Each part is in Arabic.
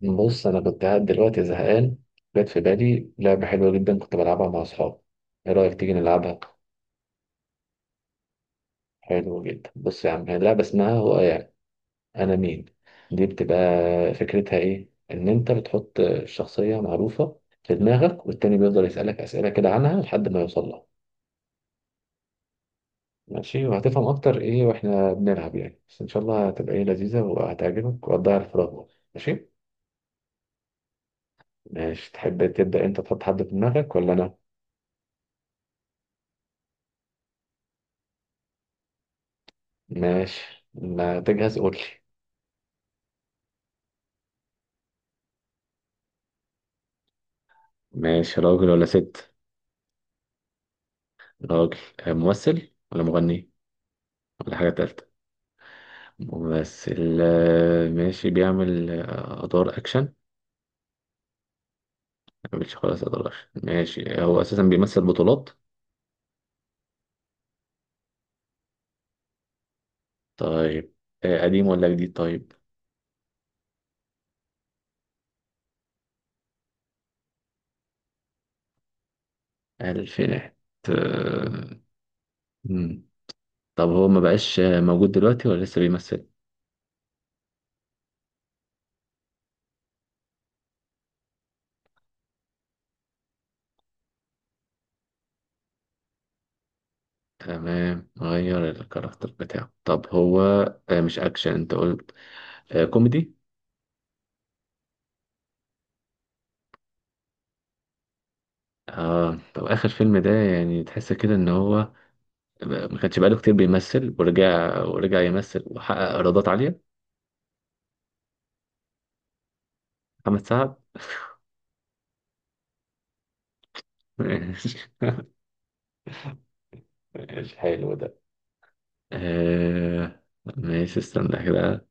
بص، انا كنت قاعد دلوقتي زهقان. جت في بالي لعبه حلوه جدا كنت بلعبها مع اصحابي. ايه رايك تيجي نلعبها؟ حلو جدا. بص يا عم، هي اللعبه اسمها هو يعني انا مين. دي بتبقى فكرتها ايه، ان انت بتحط شخصيه معروفه في دماغك والتاني بيفضل يسالك اسئله كده عنها لحد ما يوصل لها. ماشي، وهتفهم اكتر ايه واحنا بنلعب يعني، بس ان شاء الله هتبقى ايه لذيذه وهتعجبك وهتضيع الفراغ برضه. ماشي. ماشي، تحب تبدا انت تحط حد في دماغك ولا انا؟ ماشي، ما تجهز قول لي. ماشي، راجل ولا ست؟ راجل. ممثل ولا مغني؟ ولا حاجة تالتة؟ ممثل، ماشي. بيعمل أدوار أكشن؟ ما بيعملش خالص أدوار أكشن. ماشي، هو أساسا بيمثل بطولات. طيب، قديم ولا جديد؟ طيب. ألفينات. آه، مم. طب هو ما بقاش موجود دلوقتي ولا لسه بيمثل؟ تمام، غير الكاركتر بتاعه. طب هو مش أكشن أنت قلت. كوميدي. آه، طب آخر فيلم ده يعني تحس كده إن هو ما كانش بقاله كتير بيمثل، ورجع يمثل وحقق ايرادات عاليه. محمد سعد. ماشي. ماشي، حلو ده. آه... ماشي، استنى كده.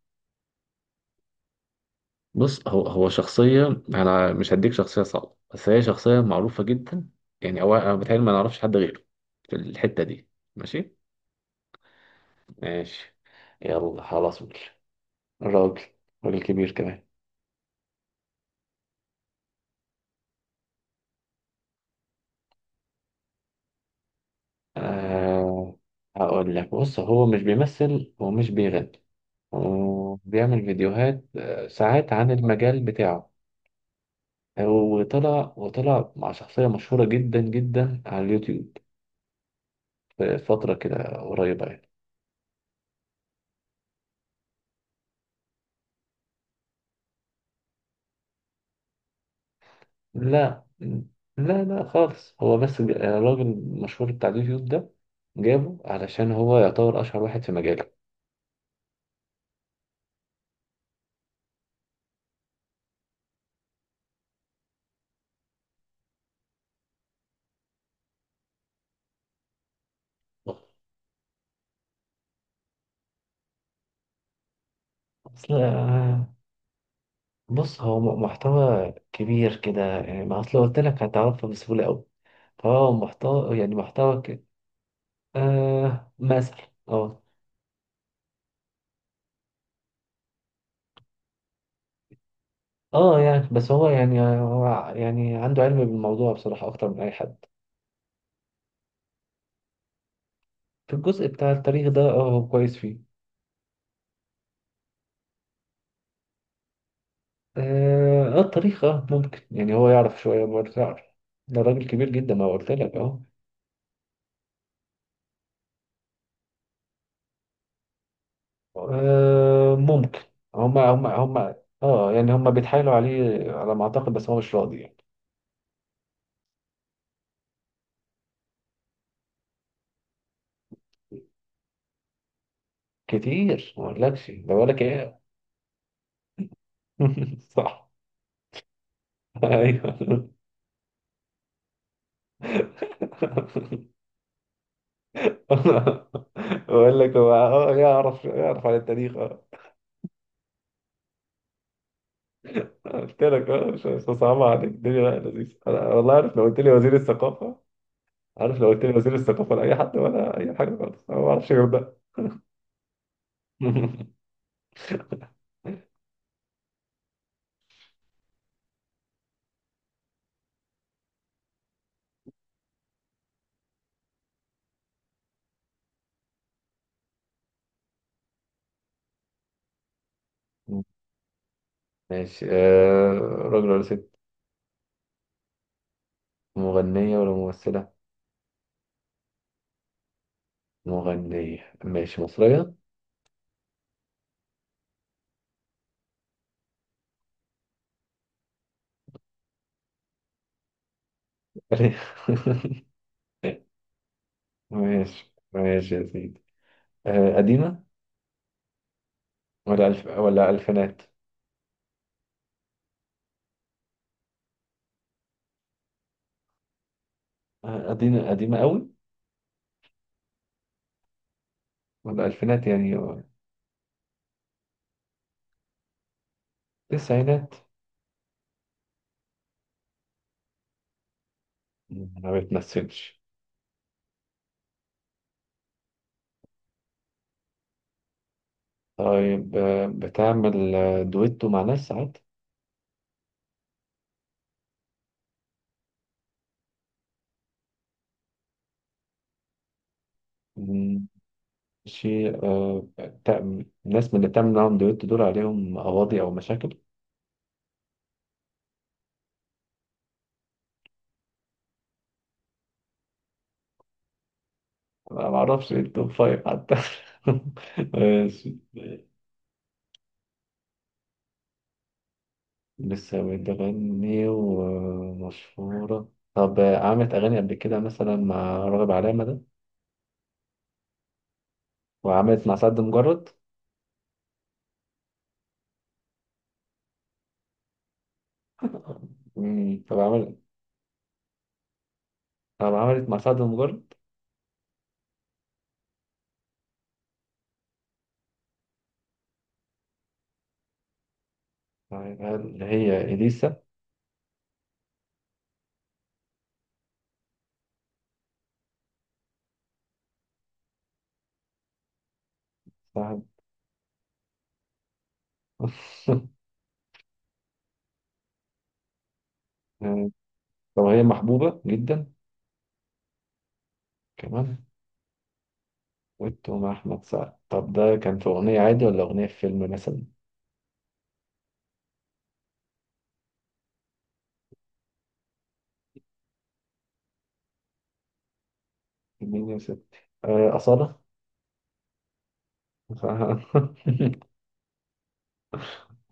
بص، هو شخصيه، انا مش هديك شخصيه صعبه، بس هي شخصيه معروفه جدا. يعني هو انا بتهيألي ما نعرفش حد غيره في الحته دي. ماشي. ماشي. يلا خلاص قول. راجل. راجل كبير كمان. آه... هقول لك، بص هو مش بيمثل ومش بيغني، وبيعمل فيديوهات ساعات عن المجال بتاعه. وطلع مع شخصية مشهورة جدا جدا على اليوتيوب في فترة كده قريبة يعني. لا لا لا خالص. هو بس الراجل المشهور بتاع اليوتيوب ده جابه علشان هو يعتبر أشهر واحد في مجاله. أصل بص هو محتوى كبير كده يعني. ما أصل قلت لك هتعرفه بسهولة أوي، فهو محتوى يعني محتوى كده. آه، مثلا. اه. اه يعني، بس هو يعني عنده علم بالموضوع بصراحة أكتر من أي حد. في الجزء بتاع التاريخ ده اه هو كويس فيه. اه، التاريخ اه ممكن، يعني هو يعرف شوية برضه يعرف. ده راجل كبير جدا، ما قلت لك اهو. ممكن. هما اه يعني هما بيتحايلوا عليه على ما أعتقد، بس هو مش راضي يعني. كتير، ما اقولكش ده بقولك ايه. صح. ايوه. بقول لك هو اه يعرف عن التاريخ قلت لك مش صعبة عليك الدنيا، لا لذيذة. أنا والله عارف لو قلت لي وزير الثقافة. عارف لو قلت لي وزير الثقافة لأي حد ولا أي حاجة خالص، أنا ما بعرفش غير ده. ماشي. راجل ولا ست؟ مغنية ولا ممثلة؟ مغنية. ماشي، مصرية؟ ماشي. ماشي يا سيدي. قديمة، ولا ألفينات؟ قديمة قديمة قوي؟ ولا ألفينات يعني؟ تسعينات. ما بتمثلش؟ طيب بتعمل دويتو مع ناس ساعات؟ مم، شيء ناس من اللي بتعمل معاهم دويتو دول عليهم قواضي أو مشاكل؟ أنا معرفش إيه التوب فايف حتى. ماشي. لسه بتغني ومشهورة. طب عملت أغاني قبل كده مثلا مع راغب علامة ده، وعملت مع سعد مجرد؟ طب عملت. طب عملت مع سعد مجرد؟ طيب، هل هي إليسا؟ سعد. طب هي محبوبة جدا كمان. ويت مع أحمد سعد، طب ده كان في أغنية عادي ولا أغنية في فيلم مثلا؟ مين يا ستي؟ أصالة؟ ف-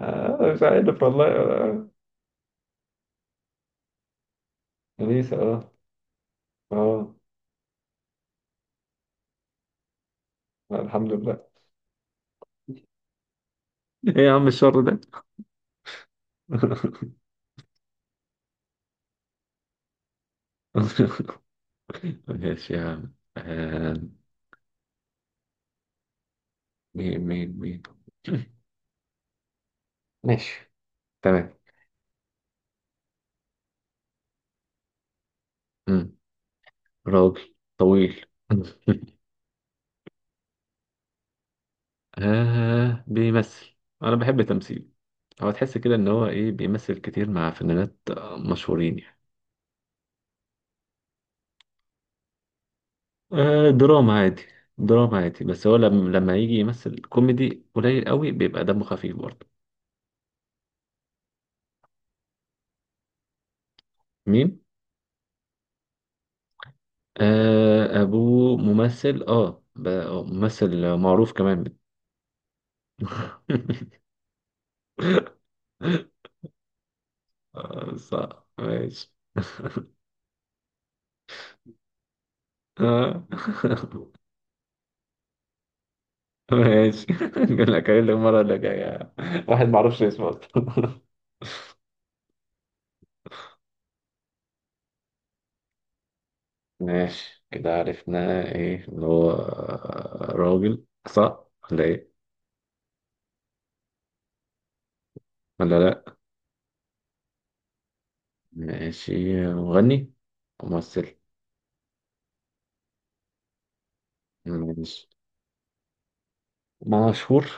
مش عارف والله أنيسة أه. أه. لا، الحمد لله. إيه يا عم الشر ده؟ ماشي يا عم. مين. ماشي. تمام. مم. راجل طويل. آه بيمثل. أنا بحب تمثيله. هو تحس كده ان هو ايه، بيمثل كتير مع فنانات مشهورين يعني. دراما عادي. دراما عادي، بس هو لما يجي يمثل كوميدي قليل قوي بيبقى دمه خفيف برضه. مين؟ آه، ابوه ممثل. اه، ممثل معروف كمان. صح ماشي. آه. ماشي. نقول لك المرة اللي جاية. واحد معرفش اسمه أصلاً. ماشي. كده عرفنا ايه، اللي هو راجل صح ولا ايه؟ ولا لا؟ ماشي. مغني؟ ممثل. ماشي. مشهور؟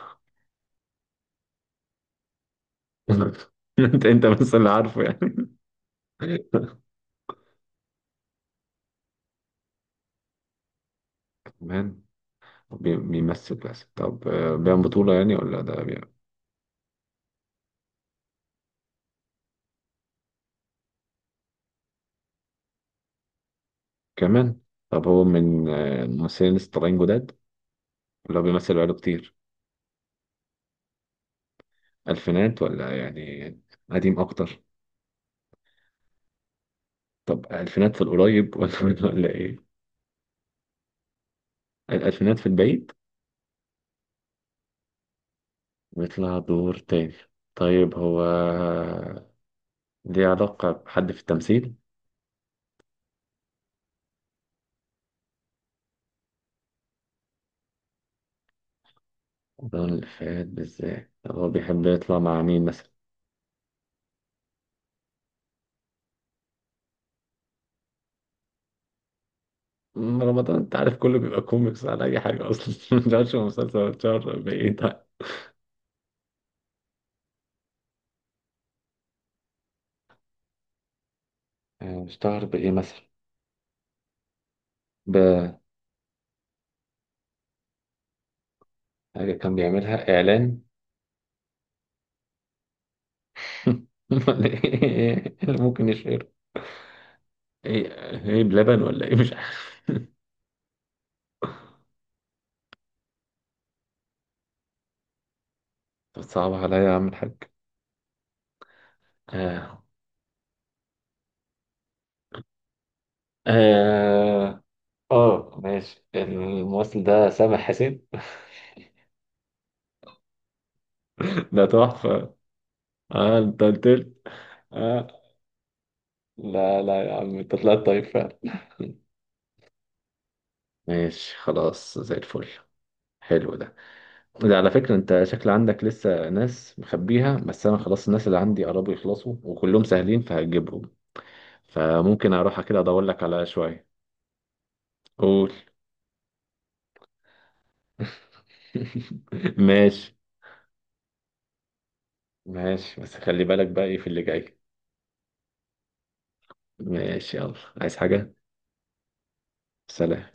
انت بس اللي عارفه يعني. كمان. بيمثل بس. طب بيعمل بطولة يعني، ولا ده بيعمل. كمان. طب هو من الممثلين اللي لسه طالعين جداد ولا هو بيمثل بقاله كتير؟ ألفينات ولا يعني؟ قديم أكتر. طب ألفينات في القريب ولا ولا إيه؟ الألفينات في البعيد. بيطلع دور تاني. طيب هو ليه علاقة بحد في التمثيل؟ رمضان اللي فات بالذات؟ طب هو بيحب يطلع مع مين مثلا؟ أم رمضان، انت عارف كله بيبقى كوميكس على اي حاجة اصلا. متعرفش هو مسلسل اتشهر بايه طيب. اشتهر بايه مثلا؟ بحاجة. كان بيعملها اعلان؟ ولا ايه اللي ممكن يشهر؟ ايه ايه بلبن ولا ايه مش عارف. صعب عليا يا عم الحاج. آه آه آه، ماشي، الممثل ده سامح حسين. ده تحفة. اه انت قلت لي. اه. لا لا يا عم، انت طلعت طيب فعلا. ماشي خلاص، زي الفل. حلو ده. ده على فكرة انت شكل عندك لسه ناس مخبيها، بس انا خلاص الناس اللي عندي قربوا يخلصوا وكلهم سهلين فهجيبهم. فممكن اروح كده ادور لك على شوية. قول. ماشي. ماشي، بس خلي بالك بقى ايه في اللي جاي. ماشي يلا. عايز حاجة؟ سلام.